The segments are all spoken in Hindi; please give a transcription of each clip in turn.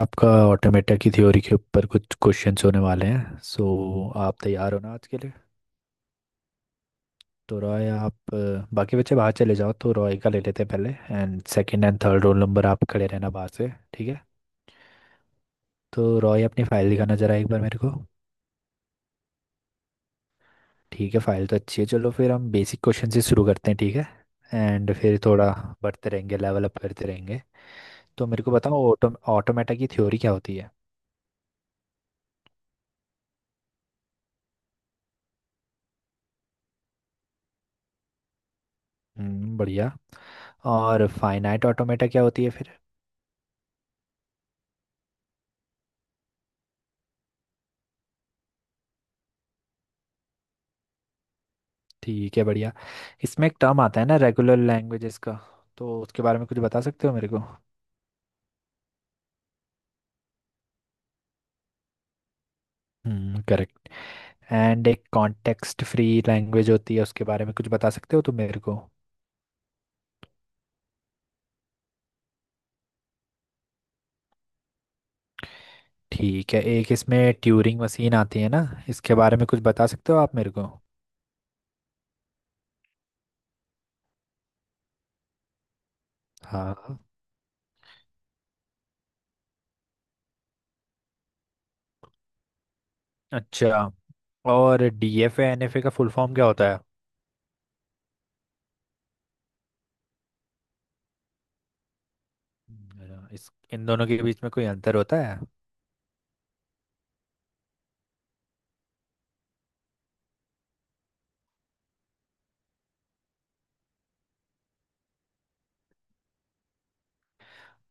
आपका ऑटोमेटा की थ्योरी के ऊपर कुछ क्वेश्चंस होने वाले हैं, सो आप तैयार हो ना आज के लिए। तो रॉय, आप बाकी बच्चे बाहर चले जाओ, तो रॉय का ले लेते हैं पहले। And second and third roll number, आप खड़े रहना बाहर से। ठीक है। तो रॉय, अपनी फाइल दिखाना जरा एक बार मेरे को। ठीक है, फाइल तो अच्छी है। चलो फिर हम बेसिक क्वेश्चन से शुरू करते हैं, ठीक है। एंड फिर थोड़ा बढ़ते रहेंगे, लेवल अप करते रहेंगे। तो मेरे को बताओ, ऑटोमेटा की थ्योरी क्या होती है। बढ़िया। और फाइनाइट ऑटोमेटा क्या होती है फिर? ठीक है, बढ़िया। इसमें एक टर्म आता है ना, रेगुलर लैंग्वेजेस का, तो उसके बारे में कुछ बता सकते हो मेरे को? हम्म, करेक्ट। एंड एक कॉन्टेक्स्ट फ्री लैंग्वेज होती है, उसके बारे में कुछ बता सकते हो तुम मेरे को? ठीक है। एक इसमें ट्यूरिंग मशीन आती है ना, इसके बारे में कुछ बता सकते हो आप मेरे को? हाँ। अच्छा। और डीएफए एनएफए का फुल फॉर्म क्या होता है? इस इन दोनों के बीच में कोई अंतर होता है?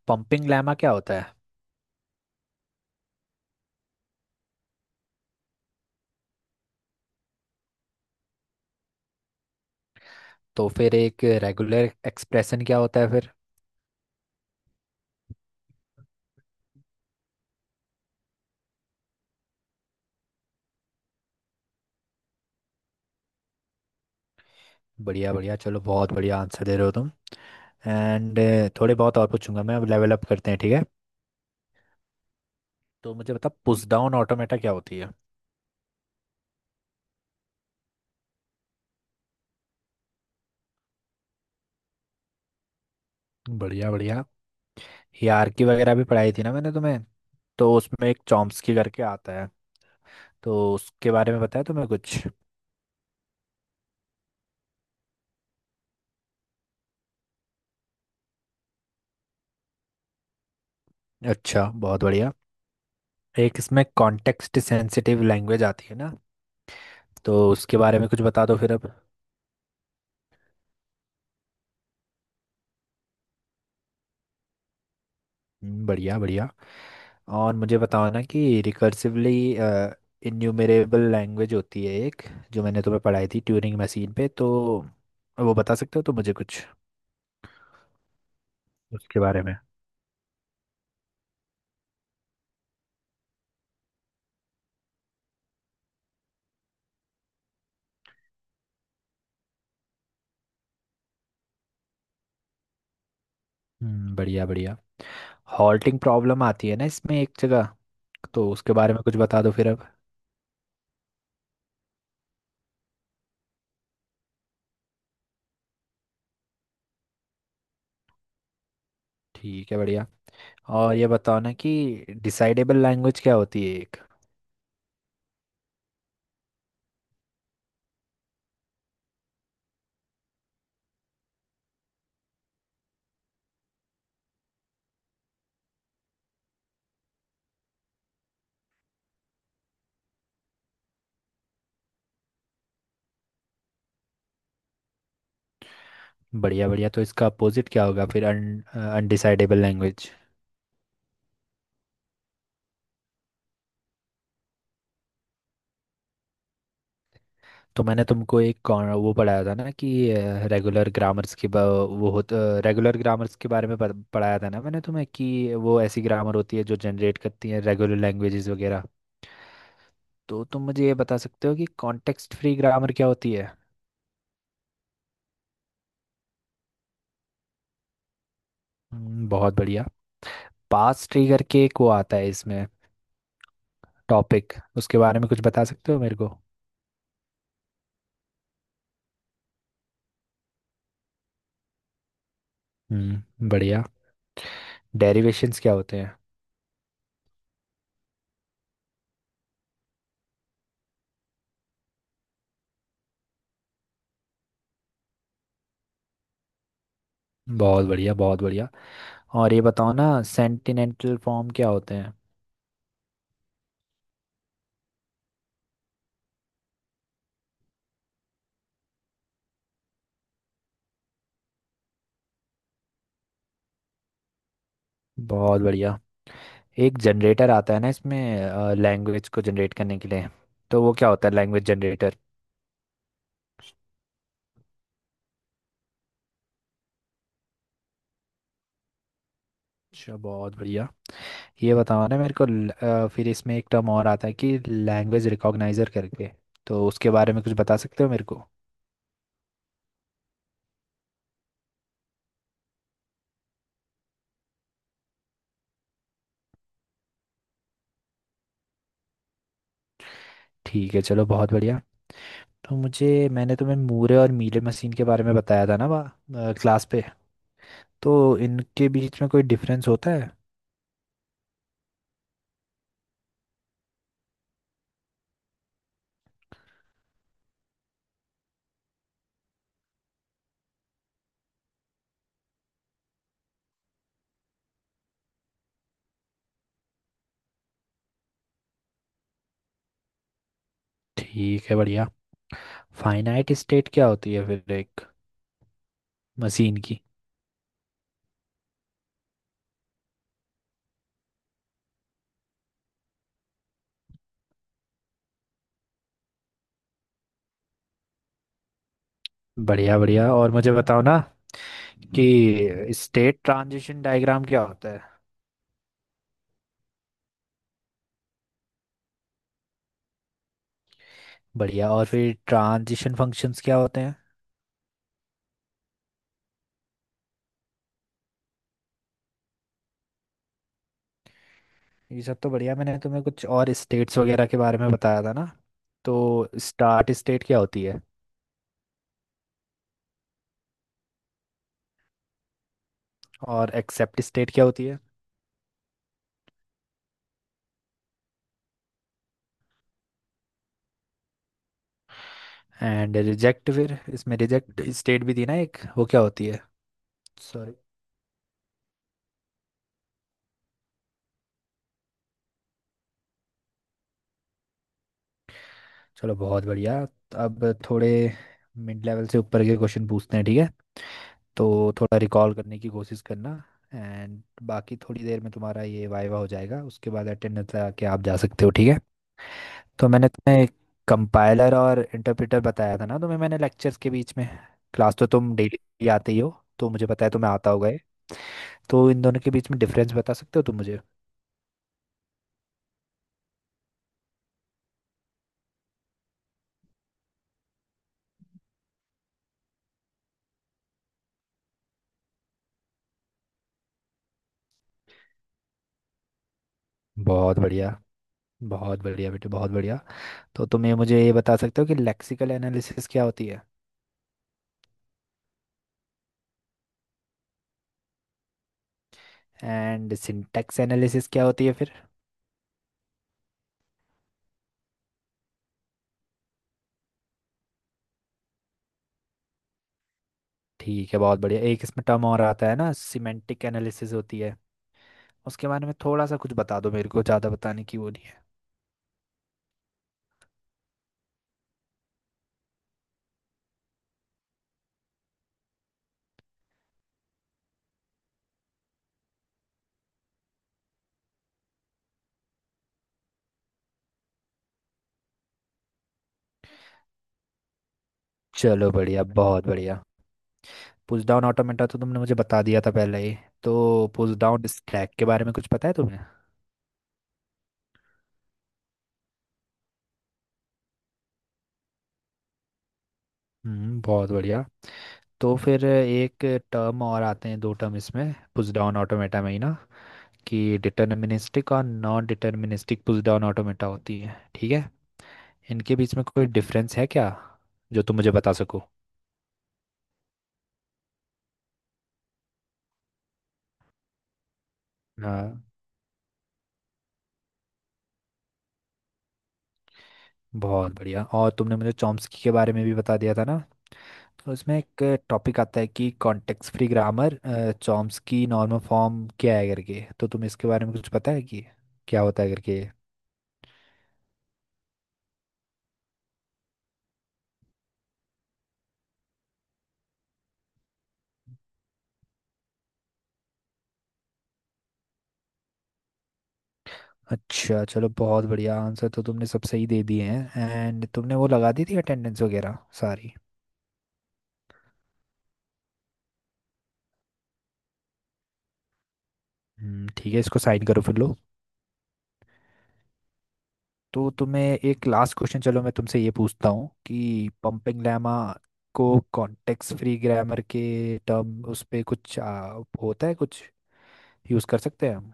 पंपिंग लैमा क्या होता है? तो फिर एक रेगुलर एक्सप्रेशन क्या होता है फिर? बढ़िया बढ़िया, चलो बहुत बढ़िया आंसर दे रहे हो तुम। एंड थोड़े बहुत और पूछूंगा मैं, अब लेवल अप करते हैं, ठीक है। तो मुझे बता, पुश डाउन ऑटोमेटा क्या होती है? बढ़िया बढ़िया। हायरार्की वगैरह भी पढ़ाई थी ना मैंने तुम्हें, तो उसमें एक चॉम्स्की करके आता है, तो उसके बारे में बताया तुम्हें कुछ? अच्छा, बहुत बढ़िया। एक इसमें कॉन्टेक्स्ट सेंसिटिव लैंग्वेज आती है ना, तो उसके बारे में कुछ बता दो फिर अब। बढ़िया बढ़िया। और मुझे बताओ ना कि रिकर्सिवली इन्यूमरेबल लैंग्वेज होती है एक, जो मैंने तुम्हें पढ़ाई थी ट्यूरिंग मशीन पे, तो वो बता सकते हो तो मुझे कुछ उसके बारे में। हम्म, बढ़िया बढ़िया। हॉल्टिंग प्रॉब्लम आती है ना इसमें एक जगह, तो उसके बारे में कुछ बता दो फिर अब। ठीक है, बढ़िया। और ये बताओ ना कि डिसाइडेबल लैंग्वेज क्या होती है एक? बढ़िया बढ़िया, तो इसका अपोजिट क्या होगा फिर, अन अनडिसाइडेबल लैंग्वेज? तो मैंने तुमको एक वो पढ़ाया था ना कि रेगुलर ग्रामर्स के बा- वो होता रेगुलर ग्रामर्स के बारे में पढ़ाया था ना मैंने तुम्हें कि वो ऐसी ग्रामर होती है जो जनरेट करती है रेगुलर लैंग्वेजेस वगैरह। तो तुम मुझे ये बता सकते हो कि कॉन्टेक्स्ट फ्री ग्रामर क्या होती है? बहुत बढ़िया। पास्ट ट्री करके एक वो आता है इसमें टॉपिक, उसके बारे में कुछ बता सकते हो मेरे को? हम्म, बढ़िया। डेरिवेशंस क्या होते हैं? बहुत बढ़िया, बहुत बढ़िया। और ये बताओ ना, सेंटिनेंटल फॉर्म क्या होते हैं? बहुत बढ़िया। एक जनरेटर आता है ना इसमें, लैंग्वेज को जनरेट करने के लिए, तो वो क्या होता है लैंग्वेज जनरेटर? अच्छा, बहुत बढ़िया। ये बताओ ना मेरे को फिर इसमें एक टर्म और आता है कि लैंग्वेज रिकॉग्नाइजर करके, तो उसके बारे में कुछ बता सकते हो मेरे को? ठीक है, चलो बहुत बढ़िया। तो मुझे मैंने तुम्हें मूरे और मीले मशीन के बारे में बताया था ना वहाँ क्लास पे, तो इनके बीच में कोई डिफरेंस होता है? ठीक है, बढ़िया। फाइनाइट स्टेट क्या होती है फिर, एक मशीन की? बढ़िया बढ़िया। और मुझे बताओ ना कि स्टेट ट्रांजिशन डायग्राम क्या होता है? बढ़िया। और फिर ट्रांजिशन फंक्शंस क्या होते हैं? ये सब तो बढ़िया। मैंने तुम्हें कुछ और स्टेट्स वगैरह के बारे में बताया था ना, तो स्टार्ट स्टेट क्या होती है? और एक्सेप्ट स्टेट क्या होती है? एंड रिजेक्ट, फिर इसमें रिजेक्ट स्टेट भी थी ना एक, वो क्या होती है? सॉरी। चलो बहुत बढ़िया। अब थोड़े मिड लेवल से ऊपर के क्वेश्चन पूछते हैं, ठीक है। तो थोड़ा रिकॉल करने की कोशिश करना। एंड बाकी थोड़ी देर में तुम्हारा ये वाइवा हो जाएगा, उसके बाद अटेंडेंस लगा के आप जा सकते हो, ठीक है। तो मैंने तुम्हें कंपाइलर और इंटरप्रेटर बताया था ना तुम्हें मैंने, लेक्चर्स के बीच में। क्लास तो तुम डेली आते ही हो, तो मुझे पता है तुम्हें आता होगा ये। तो इन दोनों के बीच में डिफरेंस बता सकते हो तुम मुझे? बहुत बढ़िया, बहुत बढ़िया बेटे, बहुत बढ़िया। तो तुम ये मुझे ये बता सकते हो कि लेक्सिकल एनालिसिस क्या होती है? एंड सिंटैक्स एनालिसिस क्या होती है फिर? ठीक है, बहुत बढ़िया। एक इसमें टर्म और आता है ना, सिमेंटिक एनालिसिस होती है, उसके बारे में थोड़ा सा कुछ बता दो मेरे को, ज़्यादा बताने की वो नहीं है। चलो बढ़िया, बहुत बढ़िया। पुश डाउन ऑटोमेटा तो तुमने मुझे बता दिया था पहले ही, तो पुश डाउन स्टैक के बारे में कुछ पता है तुम्हें? हम्म, बहुत बढ़िया। तो फिर एक टर्म और आते हैं, दो टर्म इसमें पुश डाउन ऑटोमेटा में ही ना, कि डिटर्मिनिस्टिक और non deterministic push down automata होती है, ठीक है। इनके बीच में कोई डिफरेंस है क्या, जो तुम मुझे बता सको? हाँ। बहुत बढ़िया, और तुमने मुझे चॉम्स्की के बारे में भी बता दिया था ना, तो इसमें एक टॉपिक आता है कि context free grammar Chomsky normal form क्या है करके, तो तुम्हें इसके बारे में कुछ पता है कि क्या होता है करके? अच्छा, चलो बहुत बढ़िया आंसर तो तुमने सब सही दे दिए हैं। एंड तुमने वो लगा दी थी अटेंडेंस वगैरह सारी? ठीक है, इसको साइन करो फिर लो। तो तुम्हें एक लास्ट क्वेश्चन, चलो मैं तुमसे ये पूछता हूँ कि पंपिंग लैमा को कॉन्टेक्स्ट फ्री ग्रामर के टर्म उस पे कुछ होता है कुछ, यूज़ कर सकते हैं हम?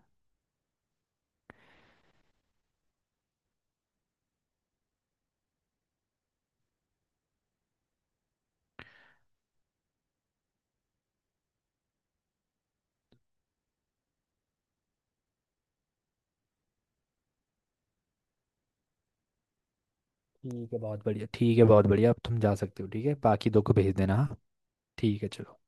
ठीक है, बहुत बढ़िया। ठीक है, बहुत बढ़िया, अब तुम जा सकते हो, ठीक है, बाकी दो को भेज देना, हाँ। ठीक है, चलो।